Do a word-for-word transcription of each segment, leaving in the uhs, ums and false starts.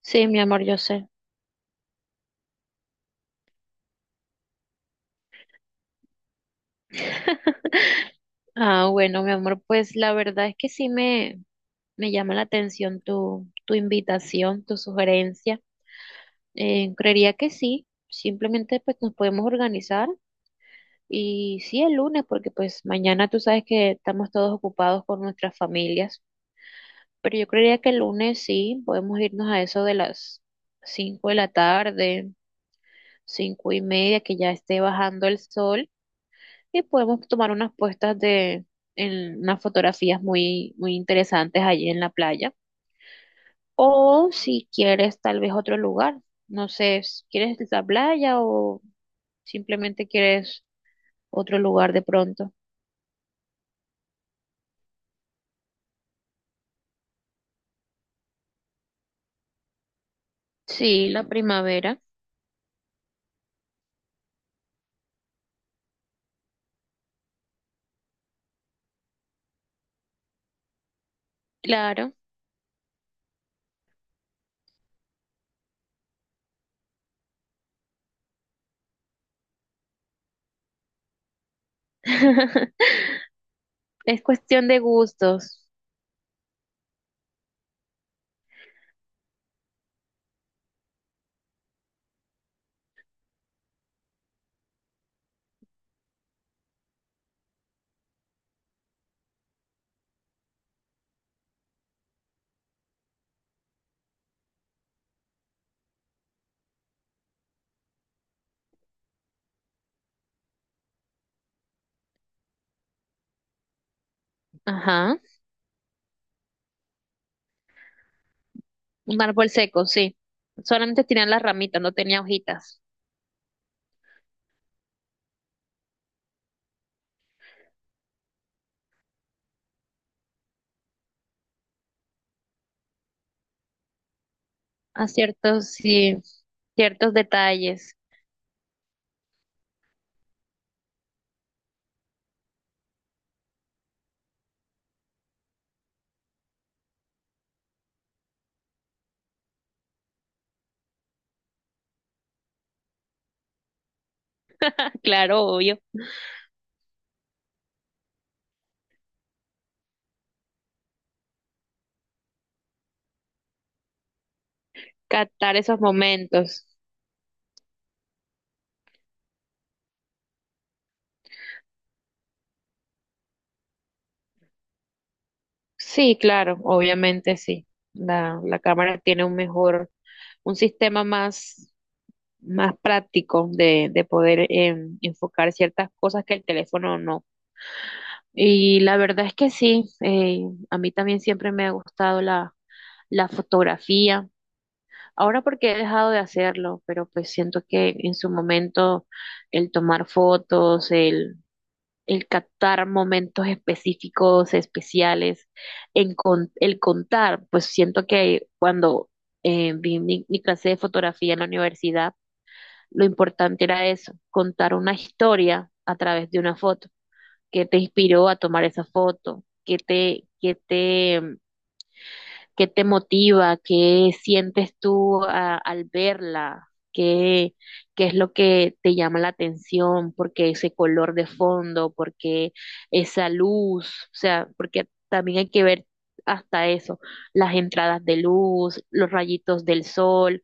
Sí, mi amor, yo sé. Ah, bueno, mi amor, pues la verdad es que sí me, me llama la atención tu, tu invitación, tu sugerencia. Eh, creería que sí, simplemente pues nos podemos organizar y sí el lunes, porque pues mañana tú sabes que estamos todos ocupados con nuestras familias, pero yo creería que el lunes sí, podemos irnos a eso de las cinco de la tarde, cinco y media, que ya esté bajando el sol y podemos tomar unas puestas de en unas fotografías muy, muy interesantes allí en la playa. O si quieres tal vez otro lugar, no sé, si ¿quieres la playa o simplemente quieres otro lugar de pronto? Sí, la primavera, claro. Es cuestión de gustos. Ajá. Un árbol seco, sí. Solamente tenían las ramitas, no tenía hojitas. A ciertos, sí, ciertos detalles. Claro, obvio. Captar esos momentos. Sí, claro, obviamente sí. La, la cámara tiene un mejor, un sistema más, más práctico de, de poder eh, enfocar ciertas cosas que el teléfono no. Y la verdad es que sí, eh, a mí también siempre me ha gustado la, la fotografía. Ahora porque he dejado de hacerlo, pero pues siento que en su momento el tomar fotos, el captar momentos específicos, especiales, en con- el contar, pues siento que cuando eh, vi mi, mi clase de fotografía en la universidad, lo importante era eso, contar una historia a través de una foto, que te inspiró a tomar esa foto, que te, que te ¿Qué te motiva? ¿Qué sientes tú a- al verla? ¿Qué, qué es lo que te llama la atención? ¿Por qué ese color de fondo? ¿Por qué esa luz? O sea, porque también hay que ver hasta eso, las entradas de luz, los rayitos del sol,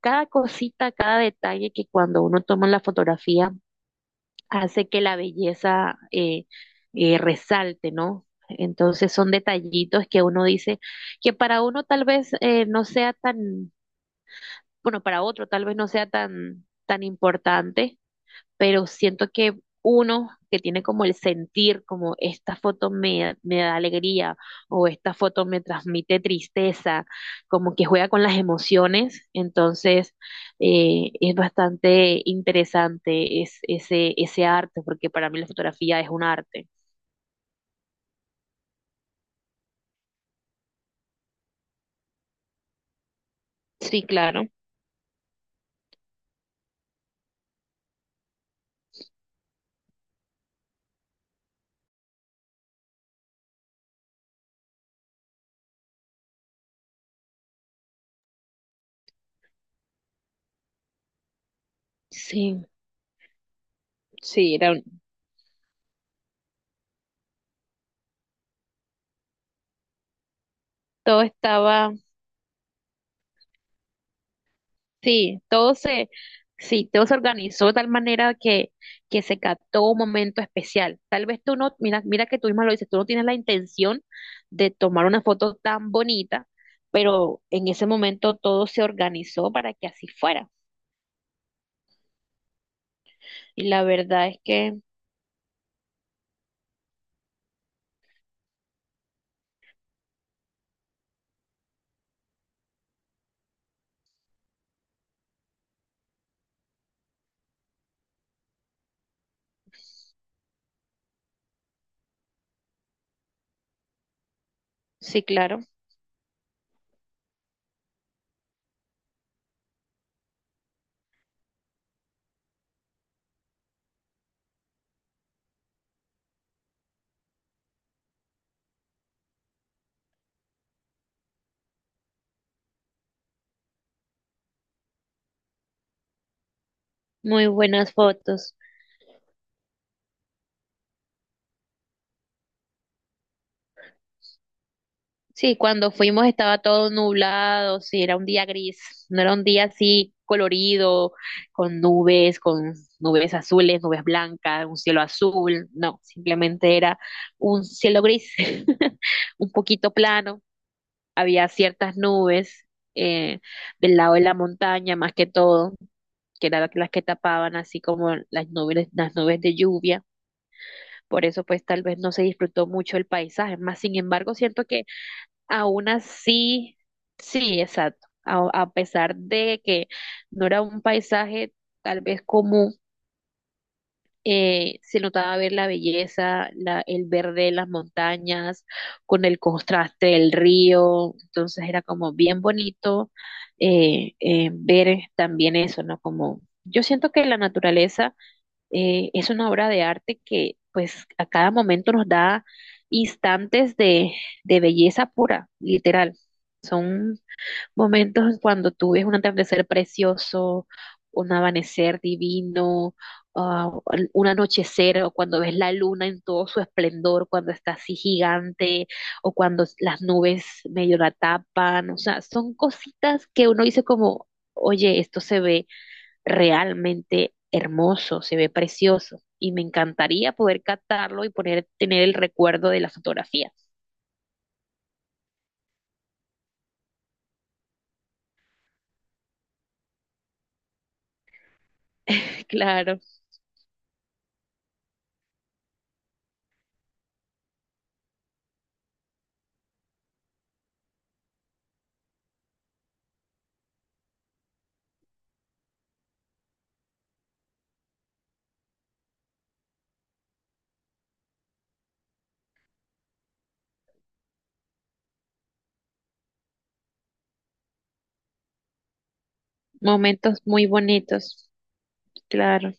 cada cosita, cada detalle que cuando uno toma la fotografía hace que la belleza eh, eh, resalte, ¿no? Entonces son detallitos que uno dice que para uno tal vez eh, no sea tan, bueno, para otro tal vez no sea tan, tan importante pero siento que uno que tiene como el sentir, como esta foto me, me da alegría o esta foto me transmite tristeza, como que juega con las emociones, entonces eh, es bastante interesante es- ese, ese arte, porque para mí la fotografía es un arte. Sí, claro. Sí. Sí, era un- todo estaba. Sí, todo se, sí, todo se organizó de tal manera que, que se captó un momento especial. Tal vez tú no, mira, mira que tú misma lo dices, tú no tienes la intención de tomar una foto tan bonita, pero en ese momento todo se organizó para que así fuera. Y la verdad es que, sí, claro, muy buenas fotos. Sí, cuando fuimos estaba todo nublado, sí, era un día gris, no era un día así colorido, con nubes, con nubes azules, nubes blancas, un cielo azul, no, simplemente era un cielo gris, un poquito plano, había ciertas nubes eh, del lado de la montaña más que todo, que eran las que tapaban así como las nubes, las nubes de lluvia, por eso pues tal vez no se disfrutó mucho el paisaje, más sin embargo siento. Aún así, sí, exacto. A, a pesar de que no era un paisaje tal vez común, eh, se notaba ver la belleza, la, el verde de las montañas, con el contraste del río. Entonces era como bien bonito eh, eh, ver también eso, ¿no? Como yo siento que la naturaleza eh, es una obra de arte que pues a cada momento nos da instantes de, de belleza pura, literal. Son momentos cuando tú ves un atardecer precioso, un amanecer divino, ah, un anochecer, o cuando ves la luna en todo su esplendor, cuando está así gigante, o cuando las nubes medio la tapan. O sea, son cositas que uno dice como, oye, esto se ve realmente hermoso, se ve precioso y me encantaría poder captarlo y poner, tener el recuerdo de las fotografías. Claro, momentos muy bonitos, claro,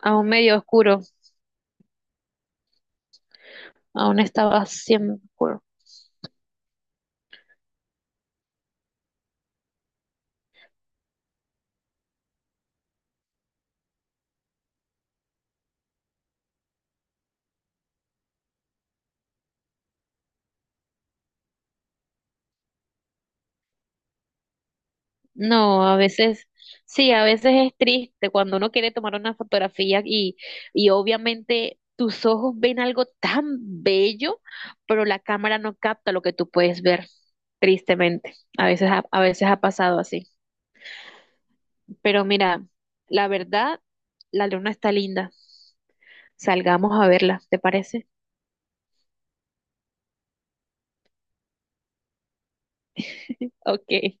aún medio oscuro, aún estaba siempre oscuro. No, a veces, sí, a veces es triste cuando uno quiere tomar una fotografía y, y obviamente tus ojos ven algo tan bello, pero la cámara no capta lo que tú puedes ver, tristemente. A veces, ha- a veces ha pasado así. Pero mira, la verdad, la luna está linda. Salgamos a verla, ¿te parece? Ok.